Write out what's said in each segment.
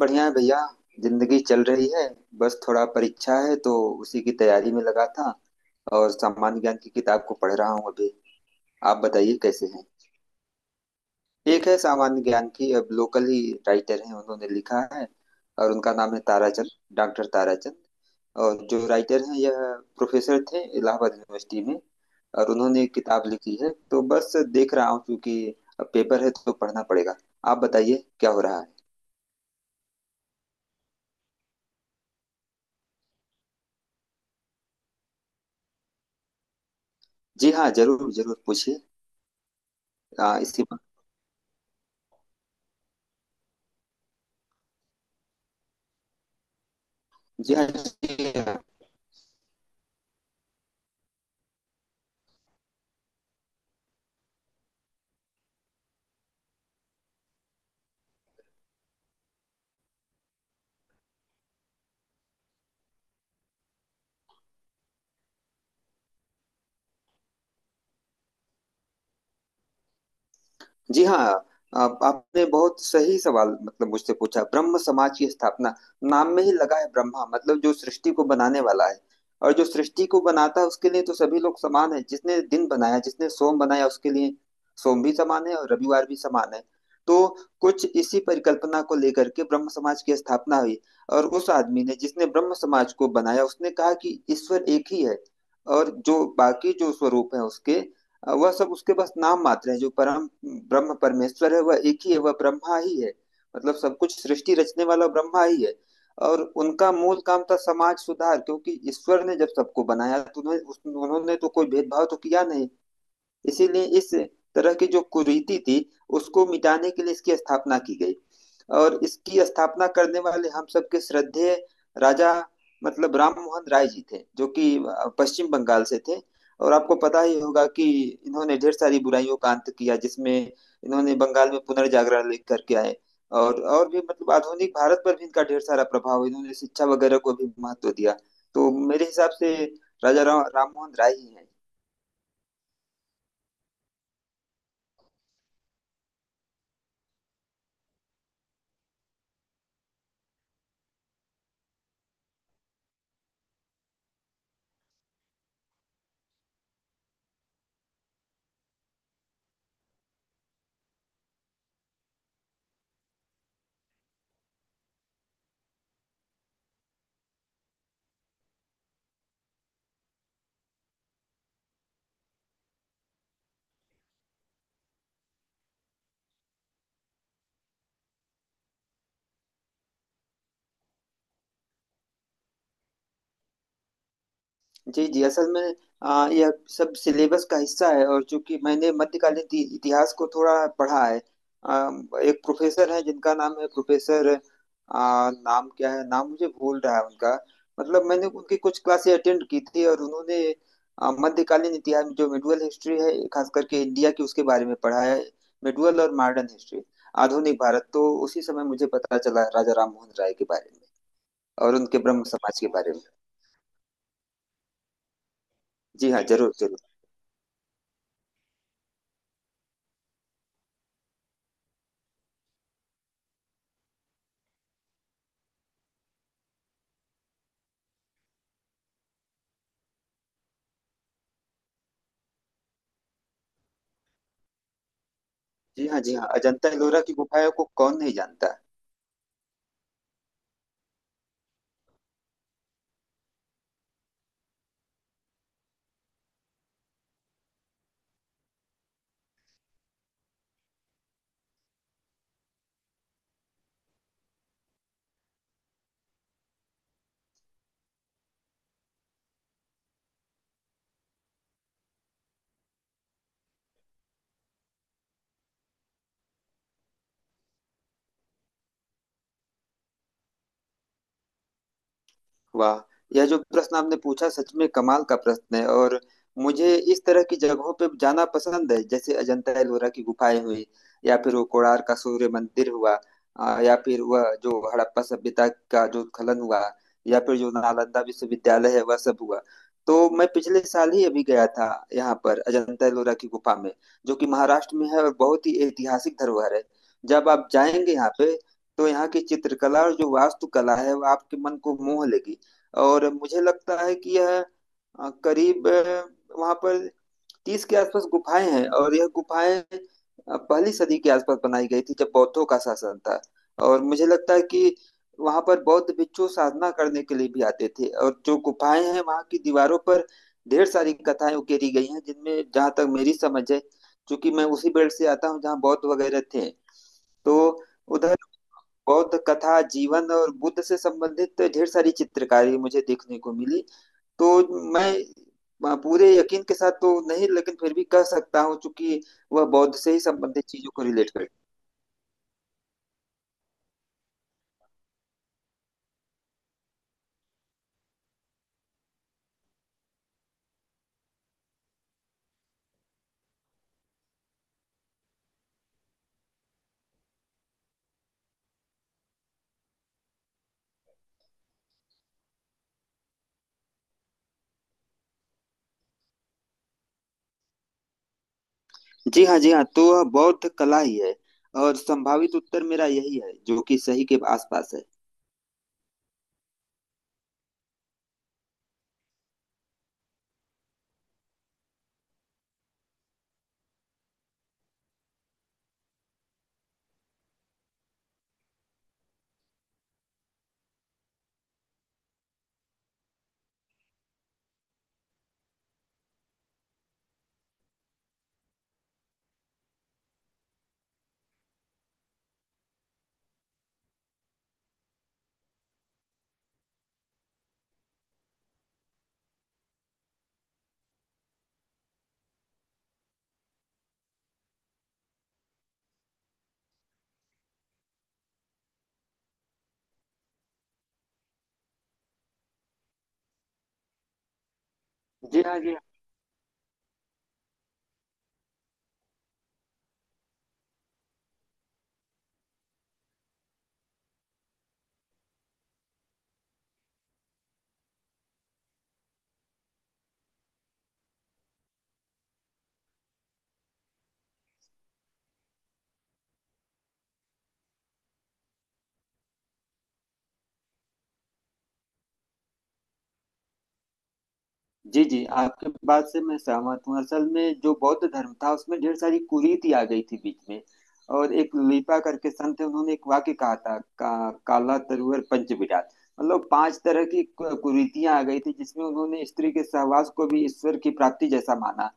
बढ़िया है भैया। जिंदगी चल रही है। बस थोड़ा परीक्षा है तो उसी की तैयारी में लगा था। और सामान्य ज्ञान की किताब को पढ़ रहा हूँ अभी। आप बताइए कैसे हैं। एक है सामान्य ज्ञान की, अब लोकल ही राइटर हैं उन्होंने लिखा है। और उनका नाम है ताराचंद, डॉक्टर ताराचंद। और जो राइटर हैं यह प्रोफेसर थे इलाहाबाद यूनिवर्सिटी में। और उन्होंने एक किताब लिखी है तो बस देख रहा हूँ, क्योंकि अब पेपर है तो पढ़ना पड़ेगा। आप बताइए क्या हो रहा है। जी हाँ, जरूर जरूर पूछिए। इसी। जी हाँ जी हाँ। जी हाँ। आपने बहुत सही सवाल मतलब मुझसे पूछा। ब्रह्म समाज की स्थापना, नाम में ही लगा है ब्रह्मा, मतलब जो सृष्टि को बनाने वाला है। और जो सृष्टि को बनाता है उसके लिए तो सभी लोग समान है। जिसने दिन बनाया जिसने सोम बनाया, उसके लिए सोम भी समान है और रविवार भी समान है। तो कुछ इसी परिकल्पना को लेकर के ब्रह्म समाज की स्थापना हुई। और उस आदमी ने जिसने ब्रह्म समाज को बनाया उसने कहा कि ईश्वर एक ही है, और जो बाकी जो स्वरूप है उसके, वह सब उसके बस नाम मात्र है। जो परम ब्रह्म परमेश्वर है वह एक ही है, वह ब्रह्मा ही है। मतलब सब कुछ सृष्टि रचने वाला ब्रह्मा ही है। और उनका मूल काम था समाज सुधार, क्योंकि ईश्वर ने जब सबको बनाया तो उन्हें उन्होंने तो कोई भेदभाव तो किया नहीं। इसीलिए इस तरह की जो कुरीति थी उसको मिटाने के लिए इसकी स्थापना की गई। और इसकी स्थापना करने वाले हम सबके श्रद्धेय राजा, मतलब राम मोहन राय जी थे, जो कि पश्चिम बंगाल से थे। और आपको पता ही होगा कि इन्होंने ढेर सारी बुराइयों का अंत किया, जिसमें इन्होंने बंगाल में पुनर्जागरण लेकर करके आए। और भी मतलब आधुनिक भारत पर भी इनका ढेर सारा प्रभाव, इन्होंने शिक्षा वगैरह को भी महत्व दिया। तो मेरे हिसाब से राम मोहन राय ही हैं। जी जी, असल में यह सब सिलेबस का हिस्सा है। और चूंकि मैंने मध्यकालीन इतिहास को थोड़ा पढ़ा है। आ, एक प्रोफेसर है जिनका नाम है प्रोफेसर नाम क्या है, नाम मुझे भूल रहा है उनका। मतलब मैंने उनकी कुछ क्लासें अटेंड की थी, और उन्होंने मध्यकालीन इतिहास, जो मेडुअल हिस्ट्री है, खास करके इंडिया की, उसके बारे में पढ़ा है। मेडुअल और मॉडर्न हिस्ट्री, आधुनिक भारत। तो उसी समय मुझे पता चला राजा राम मोहन राय के बारे में, और उनके ब्रह्म समाज के बारे में। जी हाँ, जरूर जरूर। जी हाँ जी हाँ, अजंता एलोरा की गुफाओं को कौन नहीं जानता। वाह! यह जो प्रश्न आपने पूछा सच में कमाल का प्रश्न है। और मुझे इस तरह की जगहों पे जाना पसंद है, जैसे अजंता एलोरा की गुफाएं हुई, या फिर वो कोणार्क का सूर्य मंदिर हुआ, या फिर वह जो हड़प्पा सभ्यता का जो उत्खनन हुआ, या फिर जो नालंदा विश्वविद्यालय है वह सब हुआ। तो मैं पिछले साल ही अभी गया था यहाँ पर अजंता एलोरा की गुफा में, जो कि महाराष्ट्र में है और बहुत ही ऐतिहासिक धरोहर है। जब आप जाएंगे यहाँ पे, तो यहाँ की चित्रकला और जो वास्तुकला है वो आपके मन को मोह लेगी। और मुझे लगता है कि यह करीब वहां पर 30 के आसपास गुफाएं हैं। और यह गुफाएं पहली सदी के आसपास बनाई गई थी, जब बौद्धों का शासन था। और मुझे लगता है कि वहां पर बौद्ध भिक्षु साधना करने के लिए भी आते थे। और जो गुफाएं हैं वहां की दीवारों पर ढेर सारी कथाएं उकेरी गई हैं, जिनमें जहां तक मेरी समझ है, क्योंकि मैं उसी बेल्ट से आता हूँ जहाँ बौद्ध वगैरह थे, तो उधर बौद्ध कथा जीवन और बुद्ध से संबंधित ढेर सारी चित्रकारी मुझे देखने को मिली। तो मैं पूरे यकीन के साथ तो नहीं लेकिन फिर भी कह सकता हूँ, चूंकि वह बौद्ध से ही संबंधित चीजों को रिलेट कर। जी हाँ जी हाँ, तो वह बौद्ध कला ही है, और संभावित उत्तर मेरा यही है जो कि सही के आसपास है। जी हाँ जी हाँ। जी जी, आपके बात से मैं सहमत हूँ। असल में जो बौद्ध धर्म था उसमें ढेर सारी कुरीति आ गई थी बीच में। और एक लिपा करके संत थे, उन्होंने एक वाक्य कहा था काला तरुवर पंच विराट, मतलब पांच तरह की कुरीतियां आ गई थी, जिसमें उन्होंने स्त्री के सहवास को भी ईश्वर की प्राप्ति जैसा माना।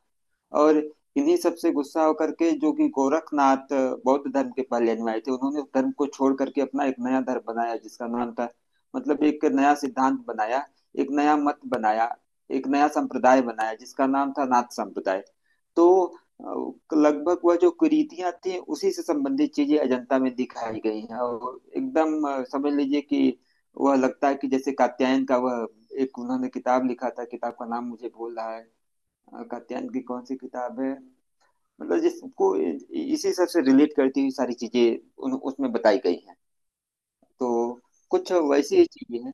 और इन्हीं सब से गुस्सा होकर के जो कि गोरखनाथ बौद्ध धर्म के पहले अनुयायी थे, उन्होंने उस धर्म को छोड़ करके अपना एक नया धर्म बनाया जिसका नाम था, मतलब एक नया सिद्धांत बनाया, एक नया मत बनाया, एक नया संप्रदाय बनाया जिसका नाम था नाथ संप्रदाय। तो लगभग वह जो कुरीतियां थी उसी से संबंधित चीजें अजंता में दिखाई गई हैं। और एकदम समझ लीजिए कि वह लगता है कि जैसे कात्यायन का वह एक, उन्होंने किताब लिखा था, किताब का नाम मुझे भूल रहा है। कात्यायन की कौन सी किताब है, मतलब जिसको इसी सब से रिलेट करती हुई सारी चीजें उन उसमें बताई गई हैं। तो कुछ वैसी ही चीजें हैं।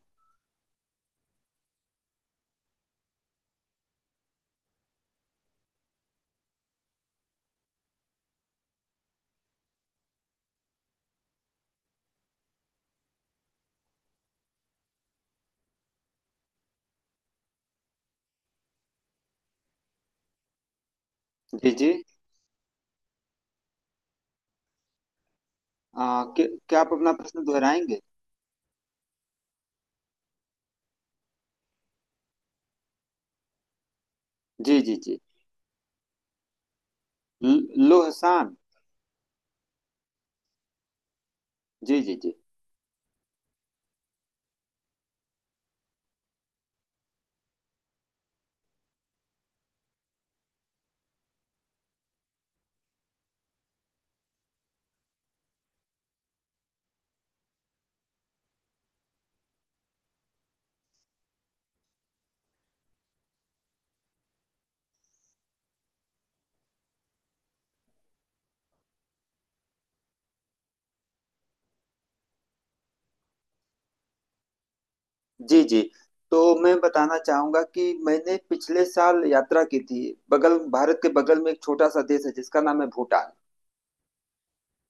जी जी। क्या क्या, आप अपना प्रश्न दोहराएंगे? जी जी जी। लोहसान? जी जी जी। जी जी। तो मैं बताना चाहूंगा कि मैंने पिछले साल यात्रा की थी। बगल, भारत के बगल में एक छोटा सा देश है जिसका नाम है भूटान।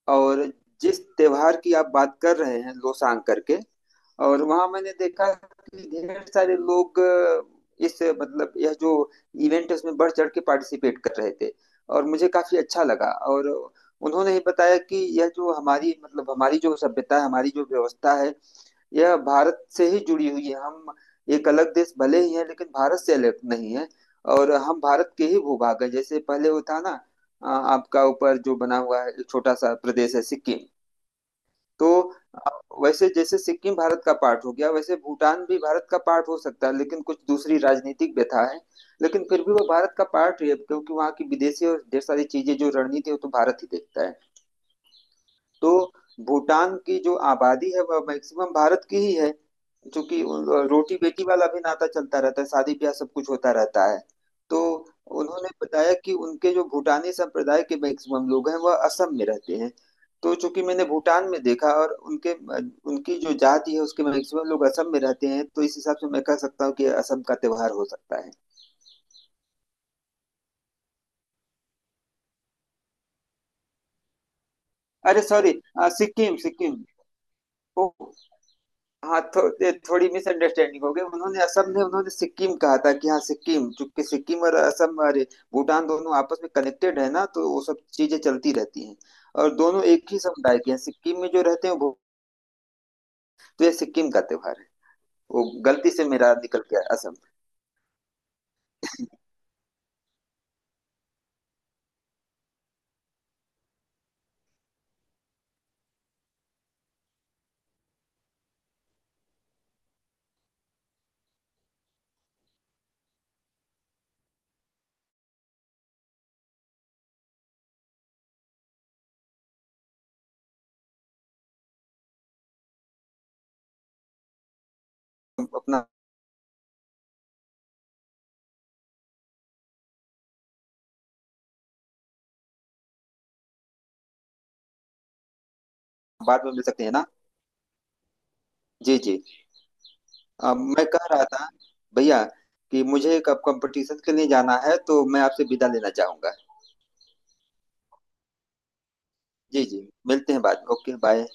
और जिस त्योहार की आप बात कर रहे हैं लोसांग करके, और वहां मैंने देखा कि ढेर सारे लोग इस, मतलब यह जो इवेंट है उसमें बढ़ चढ़ के पार्टिसिपेट कर रहे थे। और मुझे काफी अच्छा लगा। और उन्होंने ही बताया कि यह जो हमारी, मतलब हमारी जो सभ्यता है हमारी जो व्यवस्था है, यह भारत से ही जुड़ी हुई है। हम एक अलग देश भले ही है लेकिन भारत से अलग नहीं है। और हम भारत के ही भूभाग है, जैसे पहले वो था ना, आपका ऊपर जो बना हुआ है एक छोटा सा प्रदेश है सिक्किम। तो अ, वैसे जैसे सिक्किम भारत का पार्ट हो गया, वैसे भूटान भी भारत का पार्ट हो सकता है, लेकिन कुछ दूसरी राजनीतिक व्यथा है। लेकिन फिर भी वो भारत का पार्ट ही है, क्योंकि वहाँ की विदेशी और ढेर सारी चीजें जो रणनीति है वो तो भारत ही देखता है। तो भूटान की जो आबादी है वह मैक्सिमम भारत की ही है, क्योंकि रोटी बेटी वाला भी नाता चलता रहता है, शादी ब्याह सब कुछ होता रहता है। तो उन्होंने बताया कि उनके जो भूटानी संप्रदाय के मैक्सिमम लोग हैं वह असम में रहते हैं। तो चूंकि मैंने भूटान में देखा, और उनके, उनकी जो जाति है उसके मैक्सिमम लोग असम में रहते हैं, तो इस हिसाब से मैं कह सकता हूँ कि असम का त्योहार हो सकता है। अरे सॉरी! सिक्किम सिक्किम। ओ। ये थोड़ी मिसअंडरस्टैंडिंग हो गई, उन्होंने असम, ने उन्होंने सिक्किम कहा था कि हाँ सिक्किम, चूंकि सिक्किम और असम अरे भूटान दोनों आपस में कनेक्टेड है ना, तो वो सब चीजें चलती रहती हैं। और दोनों एक ही समुदाय के हैं, सिक्किम में जो रहते हैं वो। तो ये सिक्किम का त्योहार है। वो गलती से मेरा निकल गया असम। हम अपना बाद में मिल सकते हैं ना। जी जी। मैं कह रहा था भैया कि मुझे एक कंपटीशन के लिए जाना है, तो मैं आपसे विदा लेना चाहूंगा। जी जी। मिलते हैं बाद में। Okay, bye.